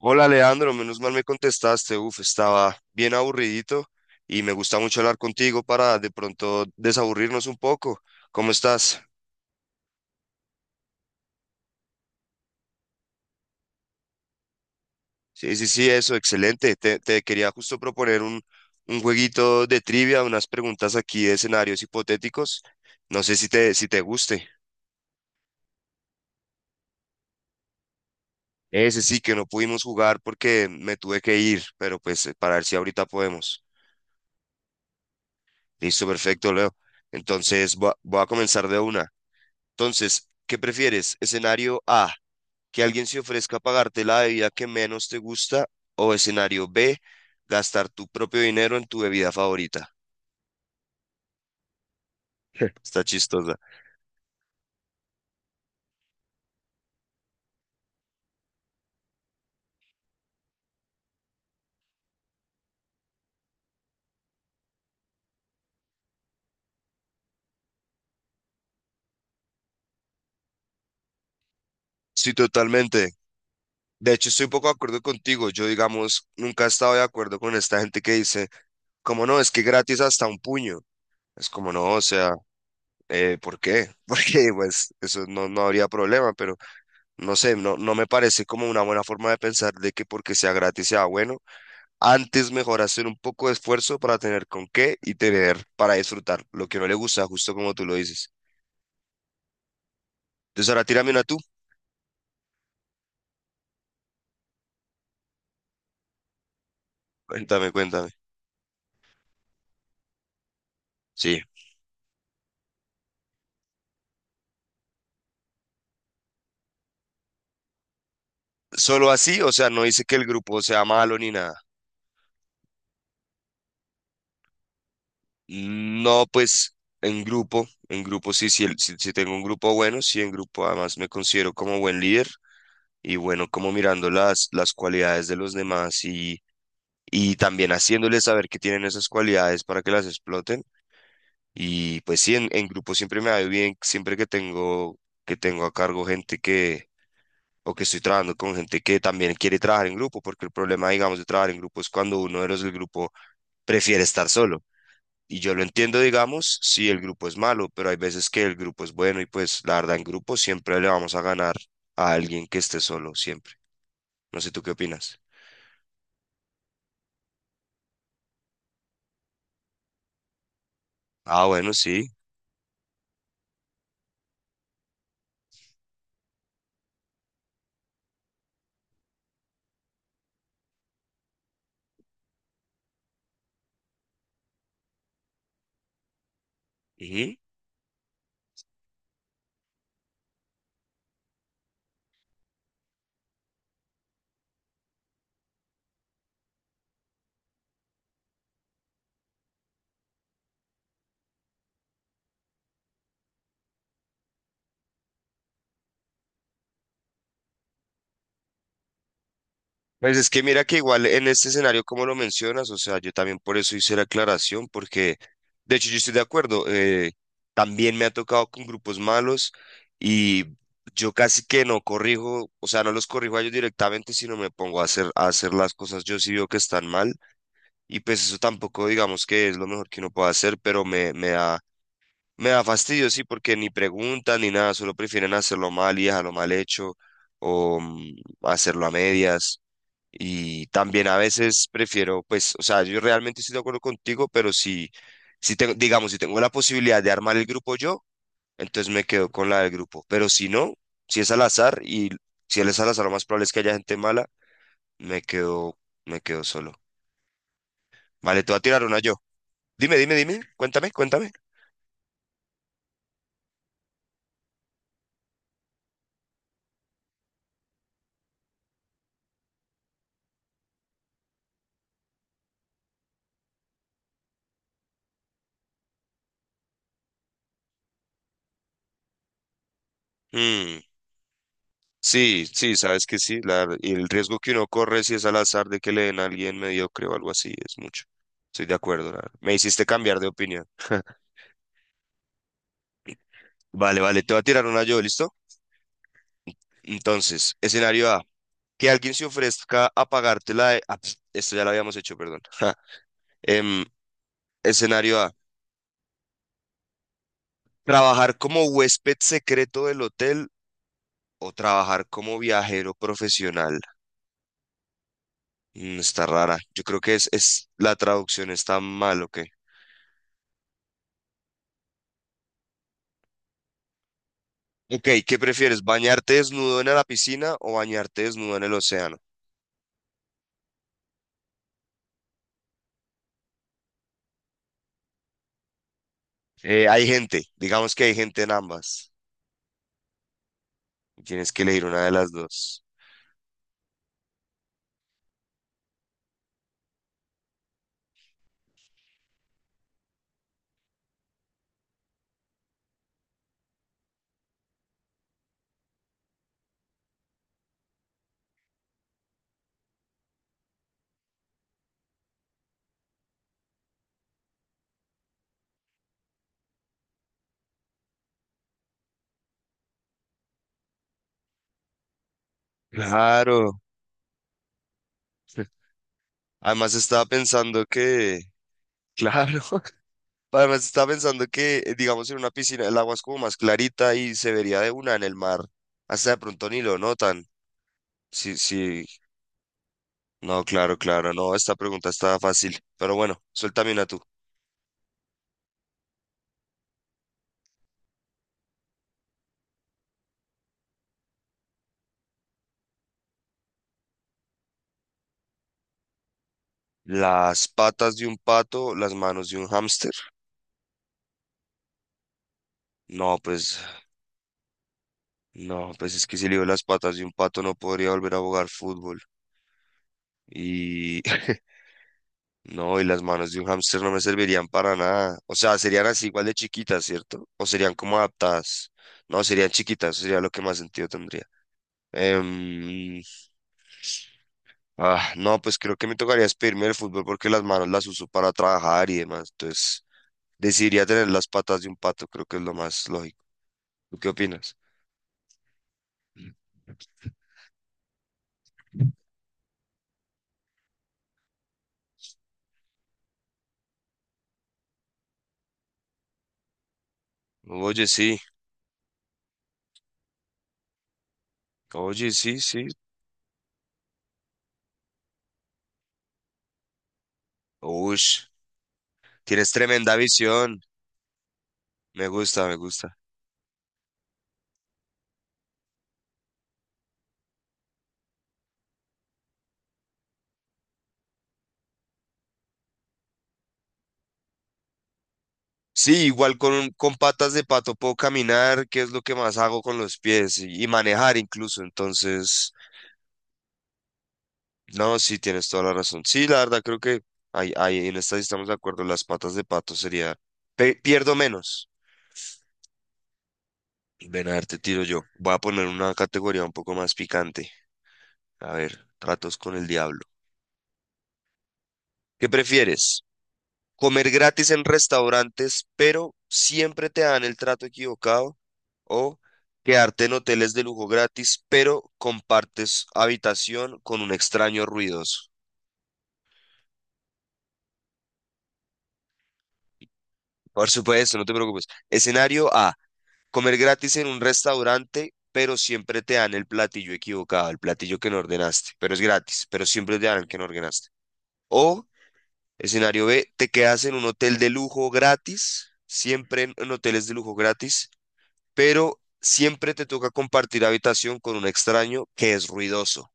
Hola Leandro, menos mal me contestaste. Uf, estaba bien aburridito y me gusta mucho hablar contigo para de pronto desaburrirnos un poco. ¿Cómo estás? Sí, sí, sí, eso, excelente. Te quería justo proponer un jueguito de trivia, unas preguntas aquí de escenarios hipotéticos. No sé si te guste. Ese sí que no pudimos jugar porque me tuve que ir, pero pues para ver si ahorita podemos. Listo, perfecto, Leo. Entonces voy a comenzar de una. Entonces, ¿qué prefieres? Escenario A, que alguien se ofrezca a pagarte la bebida que menos te gusta, o escenario B, gastar tu propio dinero en tu bebida favorita. Está chistosa. Sí, totalmente. De hecho, estoy poco de acuerdo contigo. Yo, digamos, nunca he estado de acuerdo con esta gente que dice, como no, es que gratis hasta un puño. Es como no, o sea, ¿por qué? Porque pues eso no, no habría problema, pero no sé, no, no me parece como una buena forma de pensar de que porque sea gratis sea bueno. Antes mejor hacer un poco de esfuerzo para tener con qué y tener para disfrutar lo que no le gusta, justo como tú lo dices. Entonces ahora tírame una tú. Cuéntame, cuéntame. Sí. Solo así, o sea, no dice que el grupo sea malo ni nada. No, pues en grupo sí, sí, sí, sí tengo un grupo bueno, sí, en grupo además me considero como buen líder y bueno, como mirando las cualidades de los demás, y también haciéndoles saber que tienen esas cualidades para que las exploten. Y pues sí, en grupo siempre me va bien, siempre que tengo a cargo gente que, o que estoy trabajando con gente que también quiere trabajar en grupo, porque el problema, digamos, de trabajar en grupo es cuando uno de los del grupo prefiere estar solo. Y yo lo entiendo, digamos, si el grupo es malo, pero hay veces que el grupo es bueno y pues la verdad en grupo siempre le vamos a ganar a alguien que esté solo, siempre. No sé, ¿tú qué opinas? Ah, bueno, sí. Pues es que mira que igual en este escenario, como lo mencionas, o sea, yo también por eso hice la aclaración, porque de hecho yo estoy de acuerdo, también me ha tocado con grupos malos y yo casi que no corrijo, o sea, no los corrijo a ellos directamente, sino me pongo a hacer las cosas yo sí veo que están mal y pues eso tampoco digamos que es lo mejor que uno pueda hacer, pero me da fastidio, sí, porque ni preguntan ni nada, solo prefieren hacerlo mal y dejarlo mal hecho o hacerlo a medias. Y también a veces prefiero, pues, o sea, yo realmente estoy de acuerdo contigo, pero si, si tengo, digamos, si tengo la posibilidad de armar el grupo yo, entonces me quedo con la del grupo. Pero si no, si es al azar y si él es al azar, lo más probable es que haya gente mala, me quedo, me quedo solo. Vale, te voy a tirar una yo. Dime, dime, dime, cuéntame, cuéntame. Mm, sí, sí, sabes que sí, y el riesgo que uno corre si es al azar de que le den a alguien mediocre o algo así es mucho. Estoy de acuerdo, me hiciste cambiar de opinión. Vale, vale, te voy a tirar una yo, ¿listo? Entonces, escenario A, que alguien se ofrezca a pagarte la... esto ya lo habíamos hecho, perdón. Em, escenario A, trabajar como huésped secreto del hotel o trabajar como viajero profesional. Mm, está rara. Yo creo que es la traducción está mal, ¿ok? Ok, ¿qué prefieres? ¿Bañarte desnudo en la piscina o bañarte desnudo en el océano? Hay gente, digamos que hay gente en ambas. Tienes que elegir una de las dos. Claro. Además estaba pensando que, claro, además estaba pensando que, digamos, en una piscina el agua es como más clarita y se vería de una en el mar. Hasta de pronto ni lo notan. Sí, sí, no, claro, claro, no, esta pregunta está fácil. Pero bueno, suéltame una tú. Las patas de un pato, las manos de un hámster. No, pues, no, pues es que si le digo las patas de un pato no podría volver a jugar fútbol. Y no, y las manos de un hámster no me servirían para nada. O sea, serían así igual de chiquitas, ¿cierto? O serían como adaptadas. No, serían chiquitas, sería lo que más sentido tendría. Em, no, pues creo que me tocaría expedirme el fútbol porque las manos las uso para trabajar y demás. Entonces, decidiría tener las patas de un pato, creo que es lo más lógico. ¿Tú qué opinas? Oye, sí, oye, sí, sí. Uy, tienes tremenda visión. Me gusta, me gusta. Sí, igual con patas de pato puedo caminar, que es lo que más hago con los pies y manejar incluso. Entonces, no, sí, tienes toda la razón. Sí, la verdad creo que ahí en esta sí estamos de acuerdo. Las patas de pato sería, pierdo menos. Ven a ver, te tiro yo. Voy a poner una categoría un poco más picante. A ver, tratos con el diablo. ¿Qué prefieres? Comer gratis en restaurantes, pero siempre te dan el trato equivocado, o quedarte en hoteles de lujo gratis, pero compartes habitación con un extraño ruidoso. Por supuesto, no te preocupes. Escenario A, comer gratis en un restaurante, pero siempre te dan el platillo equivocado, el platillo que no ordenaste, pero es gratis, pero siempre te dan el que no ordenaste. O escenario B, te quedas en un hotel de lujo gratis, siempre en hoteles de lujo gratis, pero siempre te toca compartir habitación con un extraño que es ruidoso.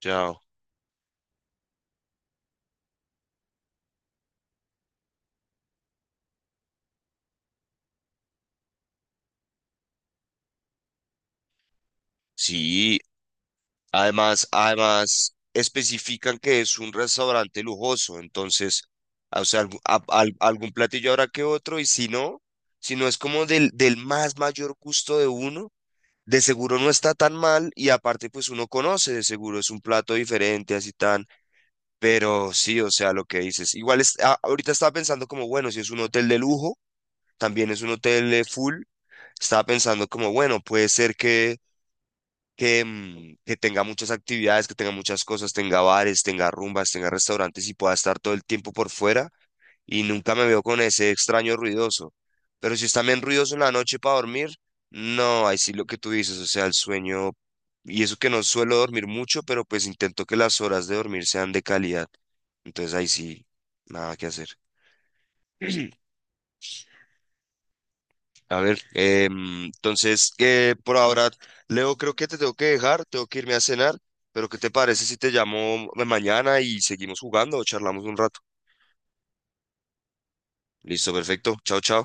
Chao. Sí, además, además especifican que es un restaurante lujoso, entonces, ah, o sea, algún platillo habrá que otro, y si no, si no es como del más mayor gusto de uno, de seguro no está tan mal, y aparte, pues uno conoce, de seguro es un plato diferente, así tan, pero sí, o sea, lo que dices. Igual es, ahorita estaba pensando como, bueno, si es un hotel de lujo, también es un hotel full. Estaba pensando como, bueno, puede ser que que tenga muchas actividades, que tenga muchas cosas, tenga bares, tenga rumbas, tenga restaurantes y pueda estar todo el tiempo por fuera y nunca me veo con ese extraño ruidoso. Pero si está bien ruidoso en la noche para dormir, no, ahí sí lo que tú dices, o sea, el sueño, y eso que no suelo dormir mucho, pero pues intento que las horas de dormir sean de calidad. Entonces ahí sí, nada que hacer. A ver, entonces, por ahora, Leo, creo que te tengo que dejar, tengo que irme a cenar, pero ¿qué te parece si te llamo mañana y seguimos jugando o charlamos un rato? Listo, perfecto. Chao, chao.